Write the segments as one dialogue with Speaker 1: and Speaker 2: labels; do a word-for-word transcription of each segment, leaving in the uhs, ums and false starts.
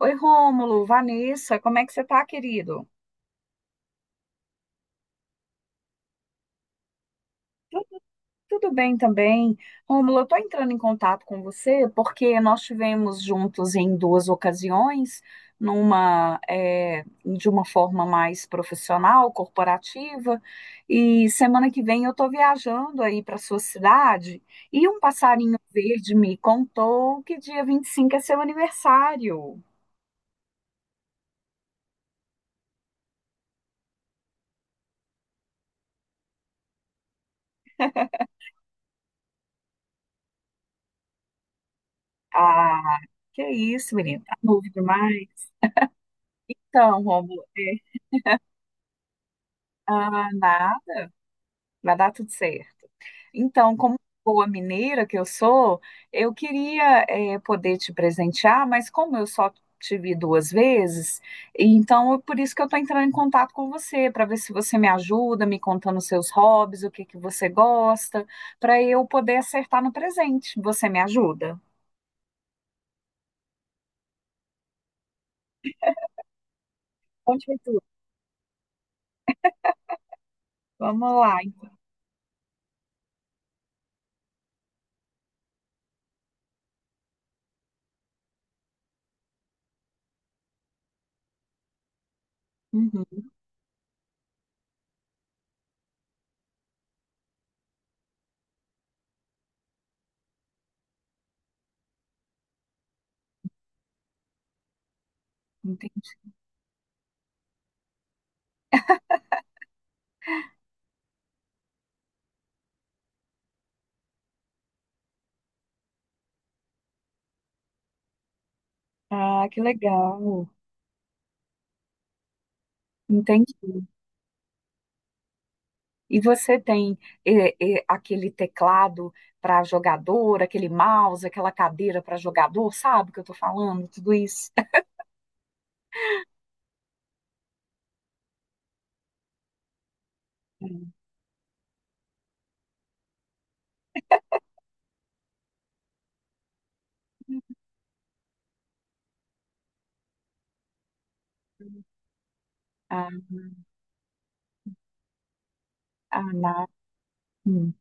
Speaker 1: Oi, Rômulo, Vanessa, como é que você tá, querido? Tudo bem também. Rômulo, eu tô entrando em contato com você porque nós tivemos juntos em duas ocasiões, numa, eh, de uma forma mais profissional, corporativa, e semana que vem eu tô viajando aí para sua cidade e um passarinho verde me contou que dia vinte e cinco é seu aniversário. Ah, que isso, menino, tá novo demais. Então, Rômulo, é, ah, nada. Vai dar tudo certo. Então, como boa mineira que eu sou, eu queria eh, poder te presentear, mas como eu só te vi duas vezes, então é por isso que eu estou entrando em contato com você, para ver se você me ajuda, me contando os seus hobbies, o que que você gosta, para eu poder acertar no presente. Você me ajuda? conte tudo. Vamos lá. Uhum, entendi. Ah, que legal. Entendi. E você tem eh, eh, aquele teclado para jogador, aquele mouse, aquela cadeira para jogador, sabe o que eu estou falando? Tudo isso. Sim. Ah, ah, na- hum,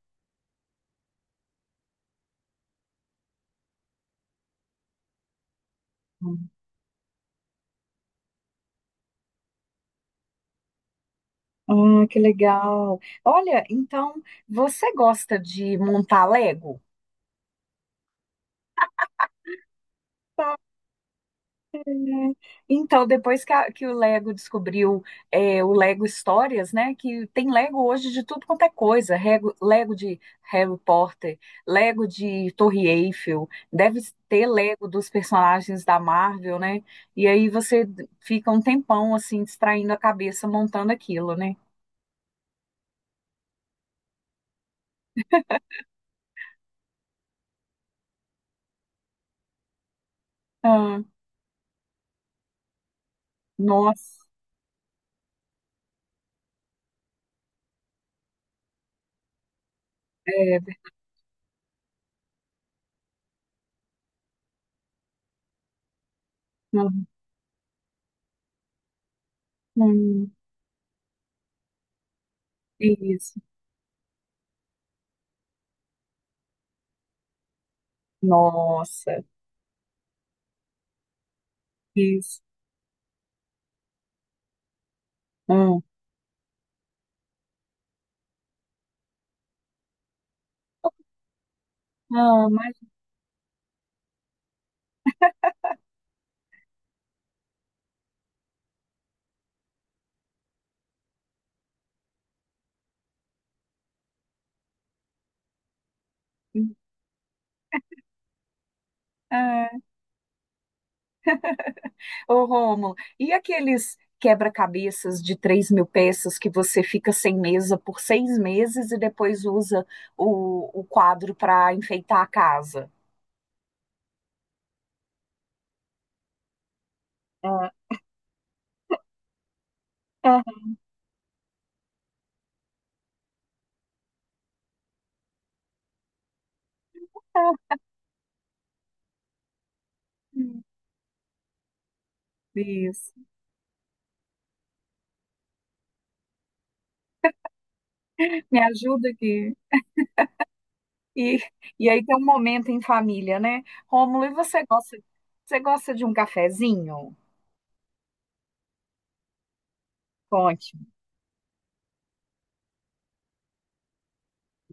Speaker 1: hum. Ah, que legal. Olha, então você gosta de montar Lego? É. Então, depois que, a- que o Lego descobriu é, o Lego Histórias, né? Que tem Lego hoje de tudo quanto é coisa. Lego Lego de Harry Potter, Lego de Torre Eiffel, deve ter Lego dos personagens da Marvel, né? E aí você fica um tempão assim, distraindo a cabeça, montando aquilo, né? Ah, nossa, é, hum, hum, isso, nossa, isso. Hum. Ah, imagina. Ô, Rômulo, e aqueles quebra-cabeças de três mil peças que você fica sem mesa por seis meses e depois usa o, o quadro para enfeitar a casa? Ah, ah, isso. Me ajuda aqui. E, e aí tem um momento em família, né? Rômulo, e você gosta, você gosta de um cafezinho? Conte.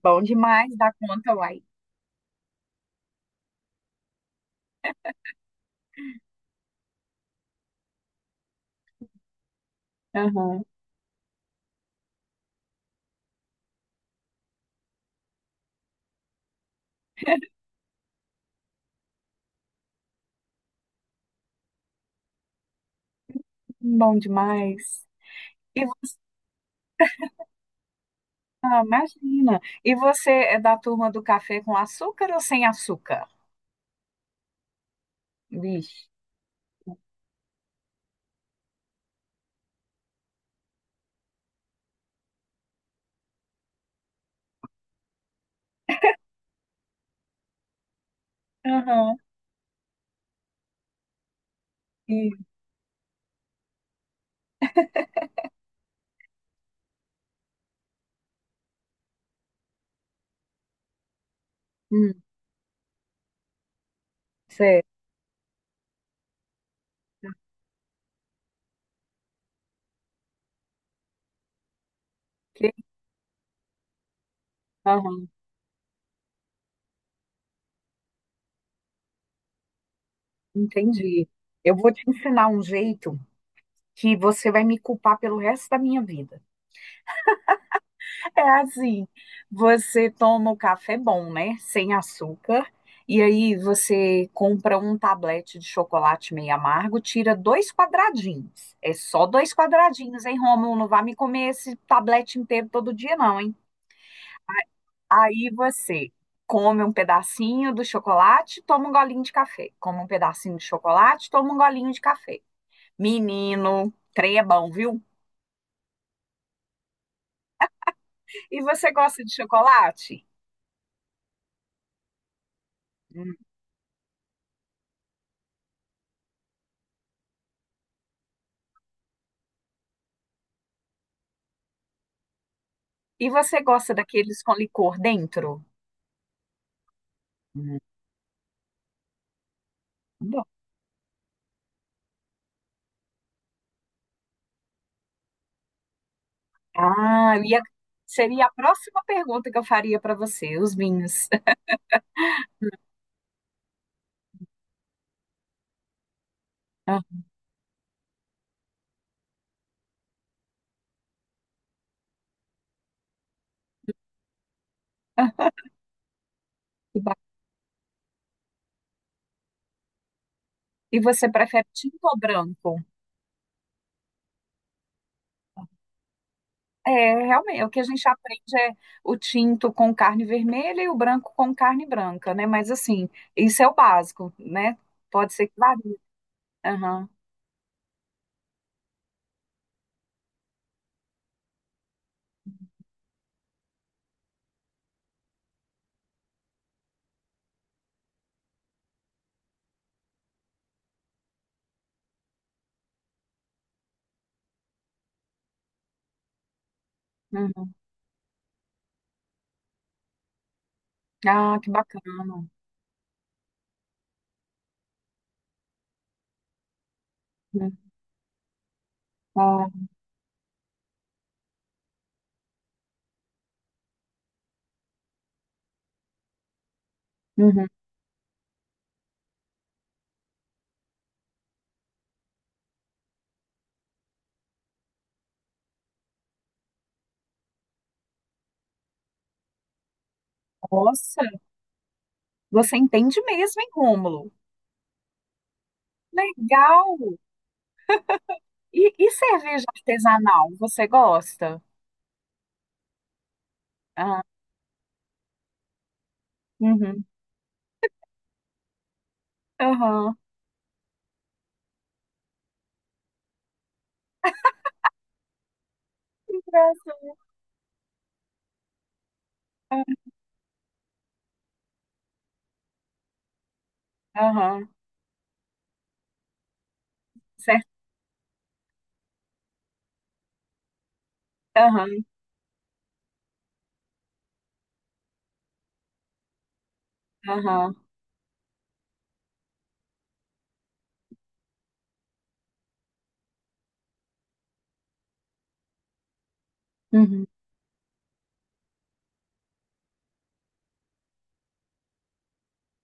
Speaker 1: Bom demais, dá conta, uai. Aham, bom demais. Ah, imagina. E você é da turma do café com açúcar ou sem açúcar? Vixe. Aham. E, hum, certo. Que- Aham, entendi. Eu vou te ensinar um jeito que você vai me culpar pelo resto da minha vida. É assim, você toma o café bom, né? Sem açúcar. E aí você compra um tablete de chocolate meio amargo, tira dois quadradinhos. É só dois quadradinhos, hein, Rômulo? Não vai me comer esse tablete inteiro todo dia, não, hein? Aí você come um pedacinho do chocolate, toma um golinho de café. Come um pedacinho de chocolate, toma um golinho de café. Menino, trem é bom, viu? E você gosta de chocolate? Hum. E você gosta daqueles com licor dentro? Hum, bom. Ah, eu ia- seria a próxima pergunta que eu faria para você, os vinhos. Ah, ah, que ba- E você prefere tinto ou branco? É, realmente, o que a gente aprende é o tinto com carne vermelha e o branco com carne branca, né? Mas assim, isso é o básico, né? Pode ser que varie. Aham, uhum. Ah, que bacana. Uhum. Ah, uhum. Nossa, você entende mesmo, hein, Rômulo? Legal! E, e cerveja artesanal, você gosta? Ah, uhum. Aham. Que graça. Aham, certo. Aham, aham. Uhum.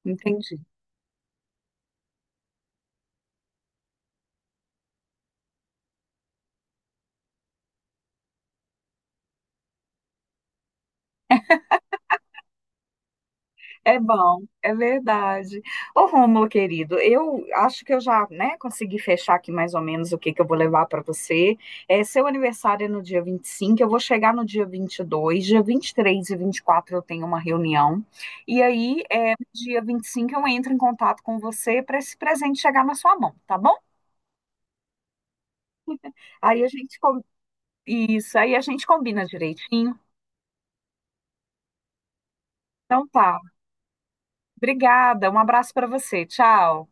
Speaker 1: Entendi. É bom, é verdade. Ô, Rômulo, querido, eu acho que eu já, né, consegui fechar aqui mais ou menos o que que eu vou levar para você. É, seu aniversário é no dia vinte e cinco. eu vou chegar no dia vinte e dois, dia vinte e três e e vinte e quatro eu tenho uma reunião. E aí, é, no dia vinte e cinco eu entro em contato com você para esse presente chegar na sua mão, tá bom? Aí a gente, com- isso, aí a gente combina direitinho. Então tá. Obrigada, um abraço para você. Tchau.